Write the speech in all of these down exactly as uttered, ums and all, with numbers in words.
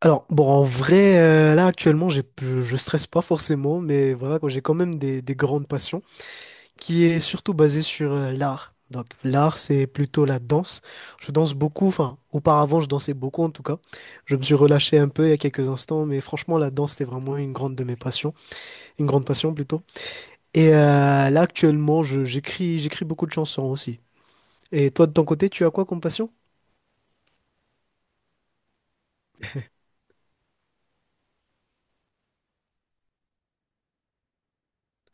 Alors, bon, en vrai, euh, là, actuellement, j'ai, je, je stresse pas forcément, mais voilà, quoi, j'ai quand même des, des grandes passions qui est surtout basée sur euh, l'art. Donc, l'art, c'est plutôt la danse. Je danse beaucoup, enfin, auparavant, je dansais beaucoup en tout cas. Je me suis relâché un peu il y a quelques instants, mais franchement, la danse, c'est vraiment une grande de mes passions, une grande passion plutôt. Et euh, là, actuellement, je, j'écris, j'écris beaucoup de chansons aussi. Et toi, de ton côté, tu as quoi comme passion?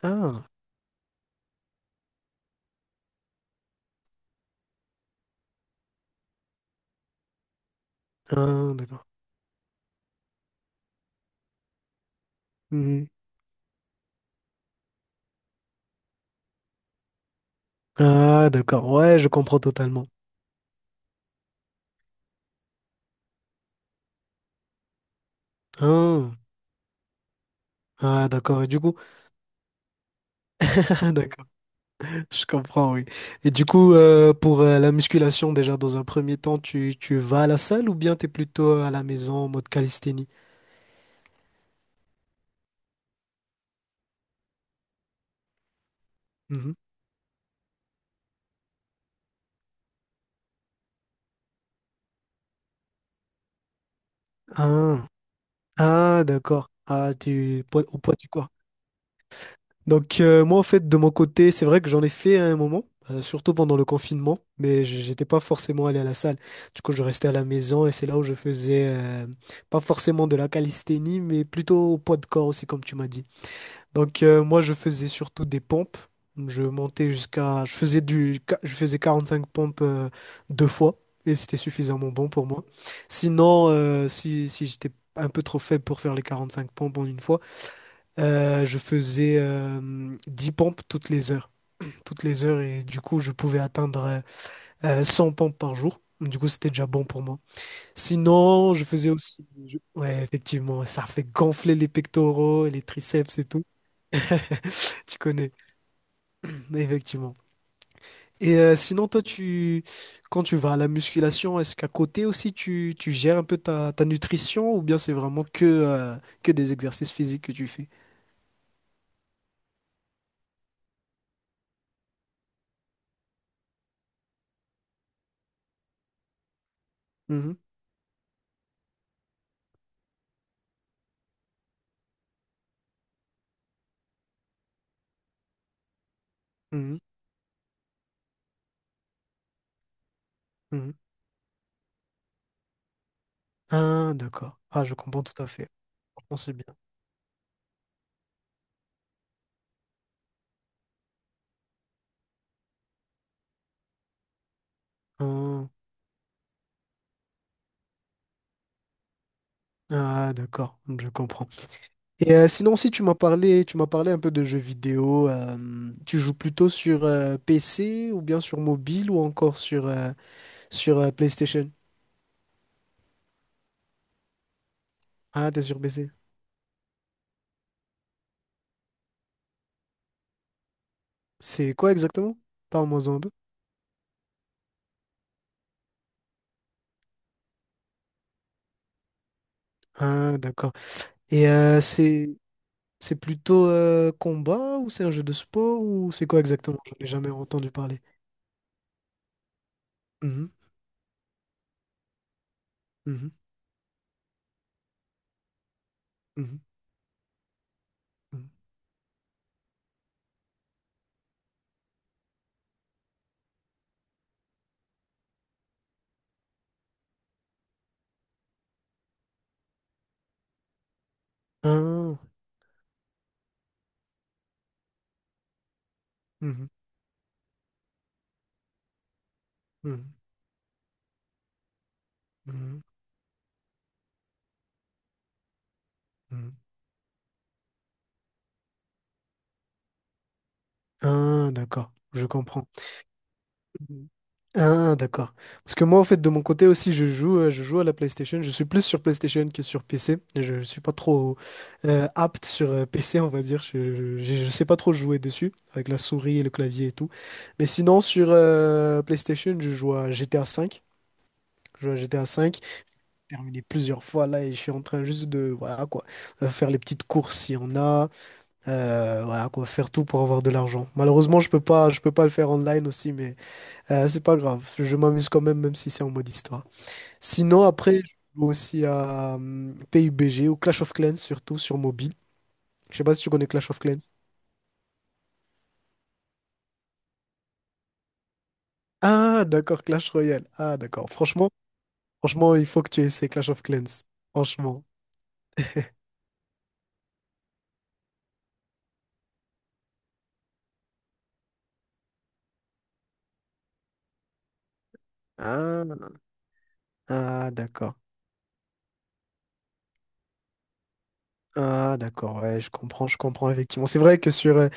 Ah, ah, d'accord. Mhm. Ah, d'accord. Ouais, je comprends totalement. Ah, ah, d'accord. Et du coup, d'accord, je comprends, oui. Et du coup, euh, pour euh, la musculation, déjà, dans un premier temps, tu, tu vas à la salle ou bien tu es plutôt à la maison en mode calisthénie? Mhm. Ah, ah, d'accord. Ah, tu, poids- au poids du corps. Donc, euh, moi, en fait, de mon côté, c'est vrai que j'en ai fait à un moment, euh, surtout pendant le confinement, mais j- j'étais pas forcément allé à la salle. Du coup, je restais à la maison et c'est là où je faisais, euh, pas forcément de la calisthénie, mais plutôt au poids de corps aussi, comme tu m'as dit. Donc euh, moi je faisais surtout des pompes. Je montais jusqu'à je faisais du je faisais quarante-cinq pompes euh, deux fois et c'était suffisamment bon pour moi. Sinon euh, si si j'étais un peu trop faible pour faire les quarante-cinq pompes en une fois, euh, je faisais euh, dix pompes toutes les heures. Toutes les heures et du coup je pouvais atteindre euh, euh, cent pompes par jour. Du coup, c'était déjà bon pour moi. Sinon, je faisais aussi... je- Ouais, effectivement, ça fait gonfler les pectoraux et les triceps et tout. Tu connais, effectivement. Et euh, sinon, toi, tu, quand tu vas à la musculation, est-ce qu'à côté aussi, tu, tu gères un peu ta, ta nutrition ou bien c'est vraiment que, euh, que des exercices physiques que tu fais? Mhm, mhm, mhm. Ah, d'accord. Ah, je comprends tout à fait. Franchement, c'est bien. Ah, ah, d'accord, je comprends. Et euh, sinon, si tu m'as parlé, tu m'as parlé un peu de jeux vidéo, euh, tu joues plutôt sur euh, P C ou bien sur mobile ou encore sur, euh, sur euh, PlayStation? Ah, t'es sur P C. C'est quoi exactement? Parle-moi-en un peu. Ah, d'accord. Et euh, c'est c'est plutôt euh, combat ou c'est un jeu de sport ou c'est quoi exactement? J'en ai jamais entendu parler. Mhm, mhm, mhm, mhm. Ah, mhm, mhm, mhm, mhm. Ah, d'accord. Je comprends. Mhm. Ah, d'accord. Parce que moi, en fait, de mon côté aussi, je joue, euh, je joue à la PlayStation. Je suis plus sur PlayStation que sur P C. Je ne suis pas trop euh, apte sur euh, P C, on va dire. Je, je, je sais pas trop jouer dessus, avec la souris et le clavier et tout. Mais sinon, sur euh, PlayStation, je joue à G T A cinq. Je joue à G T A V. J'ai terminé plusieurs fois là et je suis en train juste de, voilà quoi, euh, faire les petites courses s'il y en a. Euh, voilà quoi, faire tout pour avoir de l'argent. Malheureusement, je peux pas, je peux pas le faire online aussi, mais euh, c'est pas grave, je m'amuse quand même, même si c'est en mode histoire. Sinon, après, je joue aussi à euh, P U B G ou Clash of Clans, surtout sur mobile. Je sais pas si tu connais Clash of Clans. Ah, d'accord, Clash Royale. Ah, d'accord. Franchement, franchement, il faut que tu essaies Clash of Clans. Franchement. Ah, ah, d'accord. Ah, d'accord, ouais, je comprends, je comprends, effectivement. C'est vrai que sur, euh,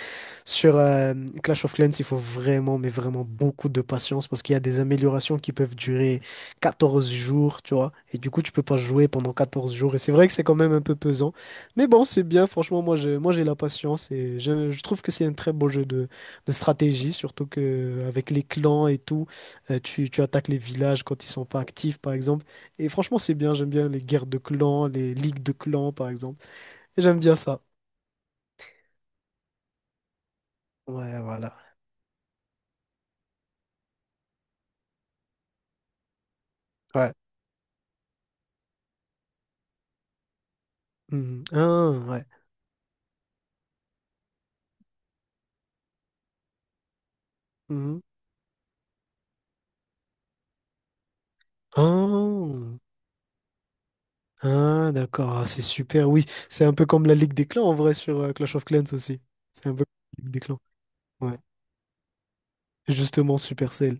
Sur euh, Clash of Clans, il faut vraiment, mais vraiment beaucoup de patience parce qu'il y a des améliorations qui peuvent durer quatorze jours, tu vois. Et du coup, tu peux pas jouer pendant quatorze jours. Et c'est vrai que c'est quand même un peu pesant. Mais bon, c'est bien. Franchement, moi, j'ai, moi, j'ai la patience et je, je trouve que c'est un très beau jeu de, de stratégie, surtout que avec les clans et tout, euh, tu, tu attaques les villages quand ils sont pas actifs, par exemple. Et franchement, c'est bien. J'aime bien les guerres de clans, les ligues de clans, par exemple. Et j'aime bien ça. Ouais, voilà. Ouais. Mhm. Ah, ouais. Mhm. Oh. Ah, d'accord. Ah, c'est super. Oui, c'est un peu comme la Ligue des Clans en vrai sur euh, Clash of Clans aussi. C'est un peu comme la Ligue des Clans. Ouais. Justement, Supercell.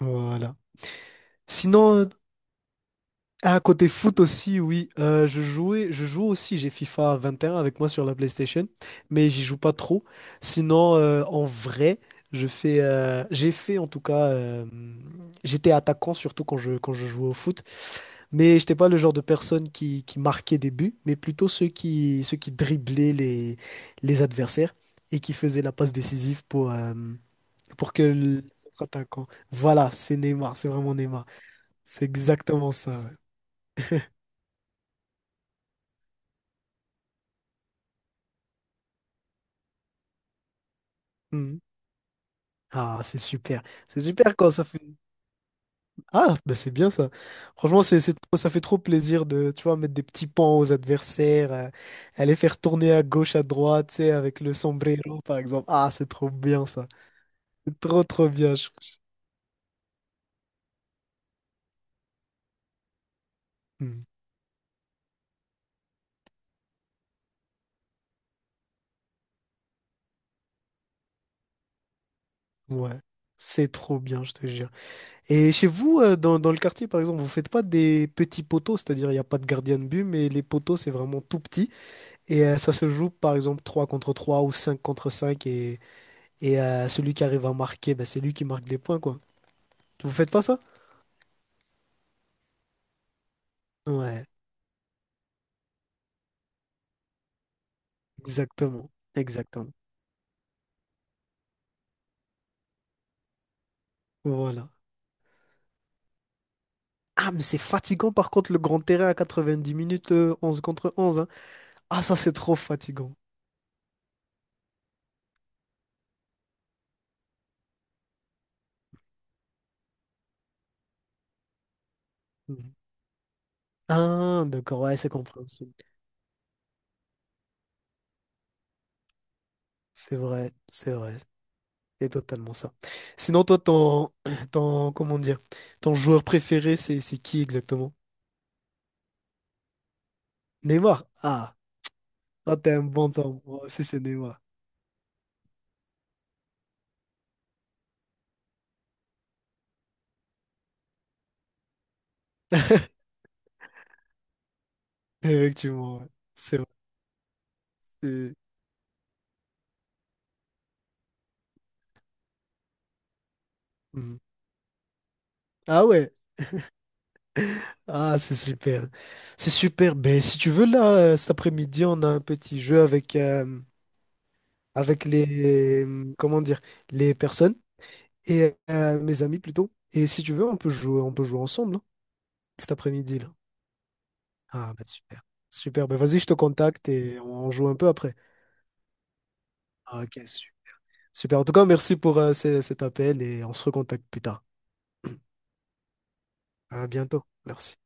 Voilà. Sinon, euh, Ah, côté foot aussi, oui. Euh, je jouais, je joue aussi, j'ai FIFA vingt et un avec moi sur la PlayStation, mais j'y joue pas trop. Sinon, euh, en vrai, je fais, euh, j'ai fait en tout cas, euh, j'étais attaquant surtout quand je, quand je jouais au foot, mais j'étais pas le genre de personne qui, qui marquait des buts, mais plutôt ceux qui, ceux qui driblaient les, les adversaires et qui faisaient la passe décisive pour, euh, pour que l'autre attaquant. Voilà, c'est Neymar, c'est vraiment Neymar. C'est exactement ça. Ouais. Hmm. Ah, c'est super. C'est super quand ça fait. Ah, bah c'est bien ça. Franchement, c'est, c'est trop- ça fait trop plaisir de, tu vois, mettre des petits pans aux adversaires, euh, aller faire tourner à gauche, à droite, tu sais, avec le sombrero, par exemple. Ah, c'est trop bien ça. C'est trop, trop bien. je- Hmm, ouais, c'est trop bien, je te jure. Et chez vous, euh, dans, dans le quartier, par exemple, vous faites pas des petits poteaux, c'est-à-dire il n'y a pas de gardien de but, mais les poteaux, c'est vraiment tout petit. Et euh, ça se joue, par exemple, trois contre trois ou cinq contre cinq. Et euh, celui qui arrive à marquer, bah, c'est lui qui marque des points, quoi. Vous faites pas ça? Ouais, exactement. Exactement. Voilà. Ah, mais c'est fatigant par contre le grand terrain à quatre-vingt-dix minutes, euh, onze contre onze. Hein. Ah, ça c'est trop fatigant. Mhm. Ah, d'accord, ouais, c'est compréhensible. C'est vrai, c'est vrai. C'est totalement ça. Sinon, toi, ton, ton, comment dire, ton joueur préféré, c'est c'est qui exactement? Neymar? Ah, toi, t'es un bon temps. Moi aussi, c'est Neymar. Effectivement, ouais. C'est vrai. c'est- Mhm. Ah ouais, Ah, c'est super. C'est super. Ben, si tu veux, là, euh, cet après-midi, on a un petit jeu avec, euh, avec les, euh, comment dire, les personnes et euh, mes amis plutôt. Et si tu veux, on peut jouer, on peut jouer ensemble, hein, cet après-midi, là. Ah, ben, super. Super. Ben, vas-y, je te contacte et on joue un peu après. Ah, ok, su- super. En tout cas, merci pour euh, ce- cet appel et on se recontacte plus tard. À bientôt. Merci.